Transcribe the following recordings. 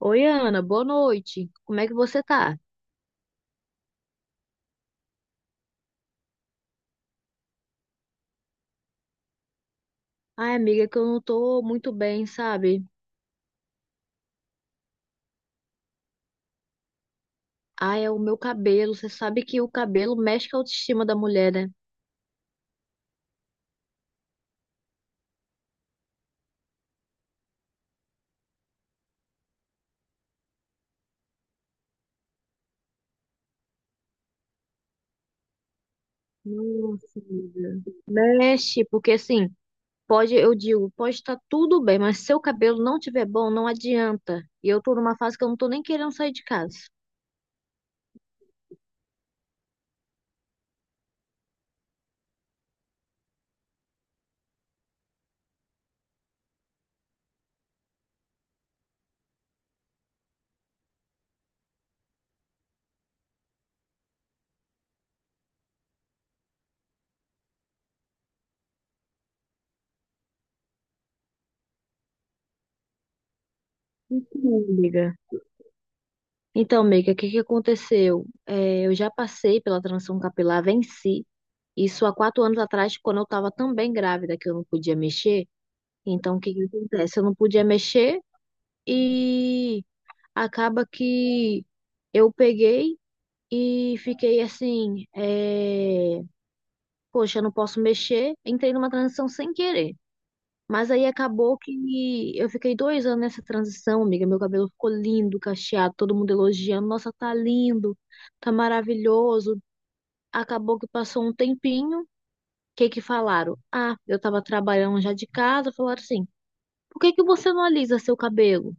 Oi, Ana, boa noite. Como é que você tá? Ai, amiga, é que eu não tô muito bem, sabe? Ai, é o meu cabelo. Você sabe que o cabelo mexe com a autoestima da mulher, né? Nossa, amiga. Mexe, porque assim, pode, eu digo, pode estar tudo bem, mas se o cabelo não tiver bom, não adianta. E eu tô numa fase que eu não tô nem querendo sair de casa. Então, amiga, Então, amiga, o que que aconteceu? É, eu já passei pela transição capilar, venci. Isso há 4 anos atrás, quando eu estava também grávida, que eu não podia mexer. Então, o que que acontece? Eu não podia mexer e acaba que eu peguei e fiquei assim, é, poxa, eu não posso mexer. Entrei numa transição sem querer. Mas aí acabou que eu fiquei 2 anos nessa transição, amiga. Meu cabelo ficou lindo, cacheado, todo mundo elogiando. Nossa, tá lindo, tá maravilhoso. Acabou que passou um tempinho. O que que falaram? Ah, eu tava trabalhando já de casa. Falaram assim, por que que você não alisa seu cabelo?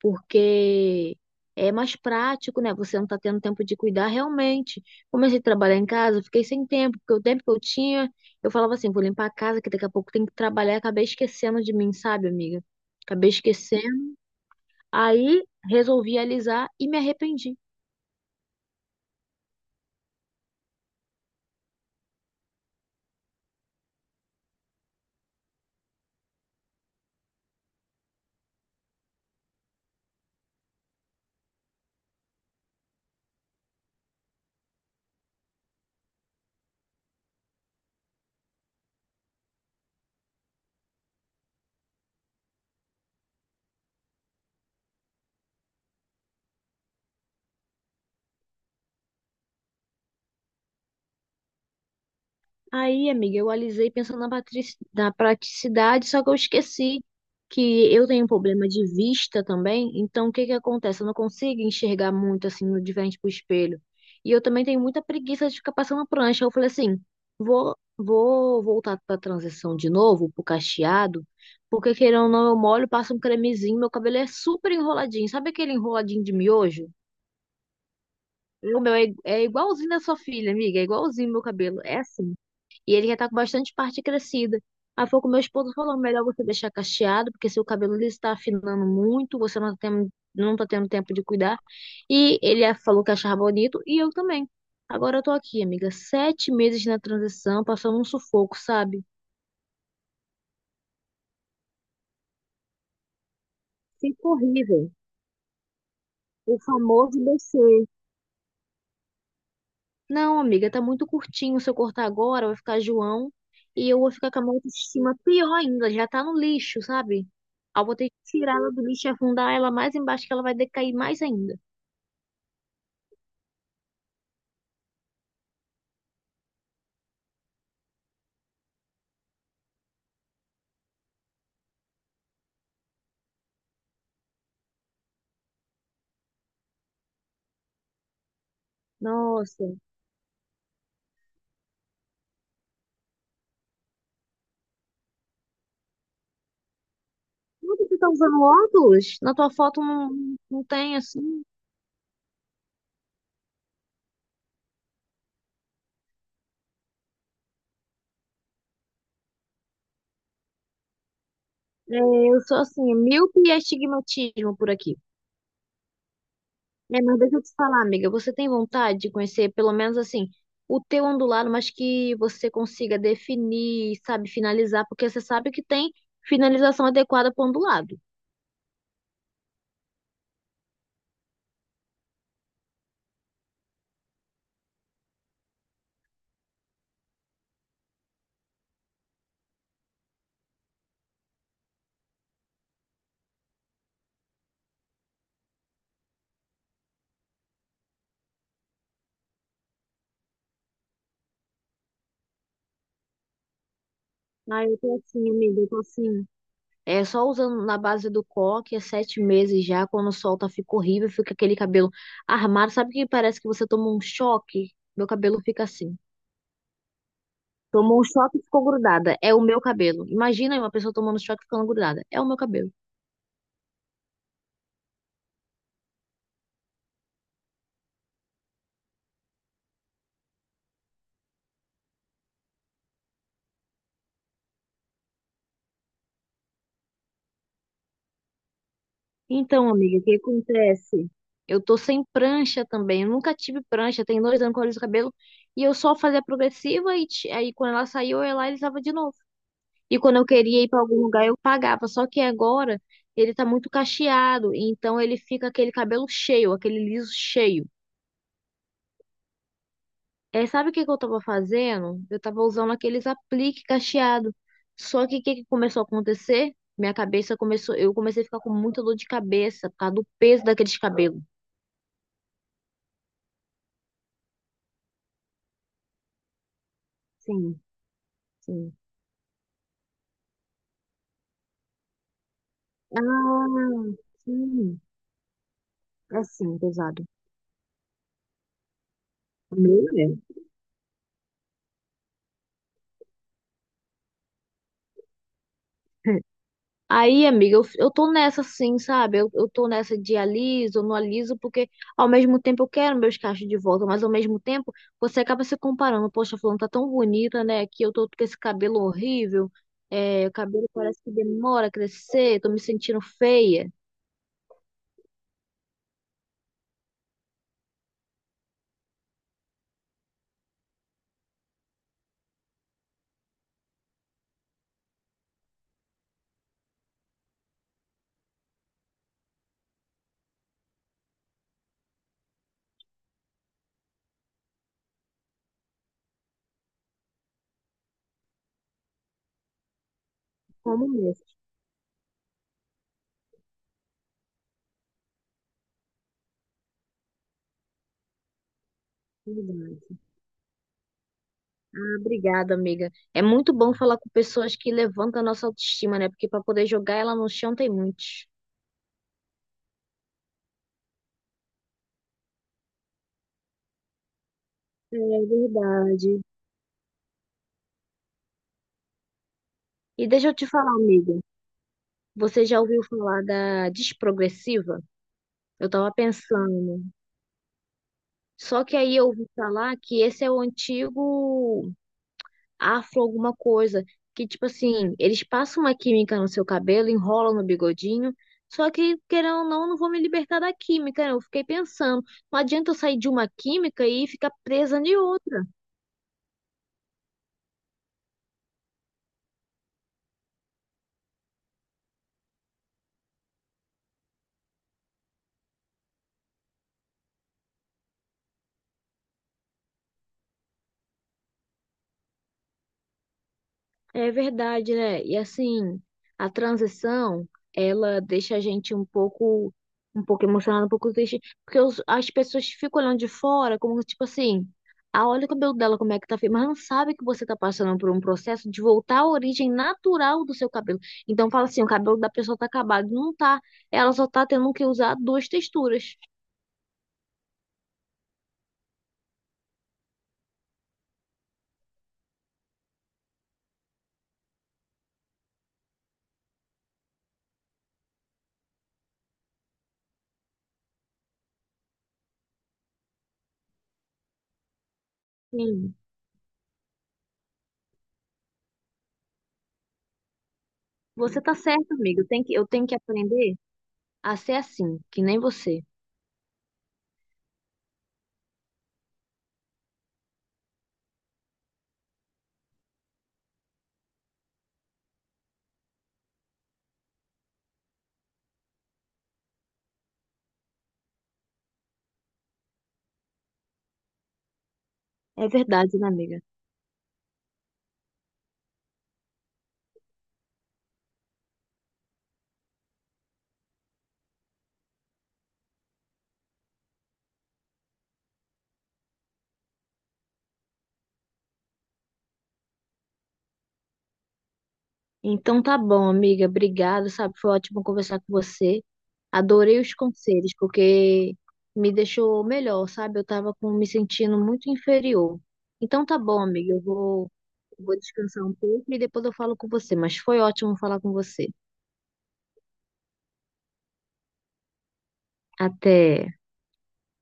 Porque é mais prático, né? Você não está tendo tempo de cuidar realmente. Comecei a trabalhar em casa, eu fiquei sem tempo, porque o tempo que eu tinha, eu falava assim, vou limpar a casa, que daqui a pouco tem que trabalhar, acabei esquecendo de mim, sabe, amiga? Acabei esquecendo. Aí resolvi alisar e me arrependi. Aí, amiga, eu alisei pensando na praticidade, só que eu esqueci que eu tenho problema de vista também. Então, o que que acontece? Eu não consigo enxergar muito assim no de frente pro espelho. E eu também tenho muita preguiça de ficar passando prancha. Eu falei assim, vou voltar para a transição de novo, pro cacheado, porque querendo ou não, eu molho, passo um cremezinho, meu cabelo é super enroladinho. Sabe aquele enroladinho de miojo? O meu é, é igualzinho da sua filha, amiga, é igualzinho meu cabelo. É assim. E ele já tá com bastante parte crescida. Aí foi o que meu esposo falou, melhor você deixar cacheado, porque seu cabelo liso tá afinando muito, você não tá tendo tempo de cuidar. E ele falou que achava bonito, e eu também. Agora eu tô aqui, amiga, 7 meses na transição, passando um sufoco, sabe? Fica horrível. O famoso BC. Não, amiga, tá muito curtinho. Se eu cortar agora, vai ficar João. E eu vou ficar com a minha autoestima pior ainda. Já tá no lixo, sabe? Aí eu vou ter que tirar ela do lixo e afundar ela mais embaixo, que ela vai decair mais ainda. Nossa. Como que tu tá usando óculos? Na tua foto não, não tem, assim. É, eu sou assim, míope e astigmatismo por aqui. É, mas deixa eu te falar, amiga, você tem vontade de conhecer, pelo menos assim, o teu ondulado, mas que você consiga definir, sabe, finalizar, porque você sabe que tem finalização adequada para ondulado. Ah, eu tô assim, amiga, eu tô assim. É só usando na base do coque, é 7 meses já, quando solta, fica horrível, fica aquele cabelo armado, sabe que parece que você tomou um choque? Meu cabelo fica assim. Tomou um choque e ficou grudada. É o meu cabelo. Imagina uma pessoa tomando choque e ficando grudada. É o meu cabelo. Então, amiga, o que acontece? Eu tô sem prancha também. Eu nunca tive prancha. Tem 2 anos que eu aliso o cabelo. E eu só fazia progressiva e aí quando ela saiu, eu ia lá e alisava de novo. E quando eu queria ir pra algum lugar, eu pagava. Só que agora ele tá muito cacheado. Então ele fica aquele cabelo cheio, aquele liso cheio. É, sabe o que que eu tava fazendo? Eu tava usando aqueles aplique cacheado. Só que o que que começou a acontecer? Minha cabeça começou, eu comecei a ficar com muita dor de cabeça por causa do peso daqueles cabelos. Sim. Sim. Ah, sim. Assim, pesado. O meu mesmo. Aí, amiga, eu tô nessa sim, sabe? Eu tô nessa de aliso, não aliso, porque ao mesmo tempo eu quero meus cachos de volta, mas ao mesmo tempo você acaba se comparando. Poxa, fulano tá tão bonita, né? Que eu tô com esse cabelo horrível, é, o cabelo parece que demora a crescer, tô me sentindo feia. Como mesmo, é verdade. Ah, obrigada, amiga. É muito bom falar com pessoas que levantam a nossa autoestima, né? Porque para poder jogar ela no chão tem muitos. É verdade. E deixa eu te falar, amiga. Você já ouviu falar da desprogressiva? Eu tava pensando. Só que aí eu ouvi falar que esse é o antigo afro alguma coisa, que tipo assim, eles passam uma química no seu cabelo, enrolam no bigodinho, só que querendo ou não, eu não vou me libertar da química, né? Eu fiquei pensando, não adianta eu sair de uma química e ficar presa de outra. É verdade, né? E assim, a transição, ela deixa a gente um pouco emocionado, um pouco triste, porque as pessoas ficam olhando de fora, como tipo assim, ah, olha o cabelo dela como é que tá feio, mas não sabe que você tá passando por um processo de voltar à origem natural do seu cabelo. Então fala assim, o cabelo da pessoa tá acabado, não tá. Ela só tá tendo que usar duas texturas. Sim, você tá certa, amiga. Eu tenho que aprender a ser assim, que nem você. É verdade, né, amiga? Então tá bom, amiga. Obrigada, sabe? Foi ótimo conversar com você. Adorei os conselhos, porque me deixou melhor, sabe? Eu tava com, me sentindo muito inferior. Então tá bom, amiga. Eu vou descansar um pouco e depois eu falo com você. Mas foi ótimo falar com você. Até.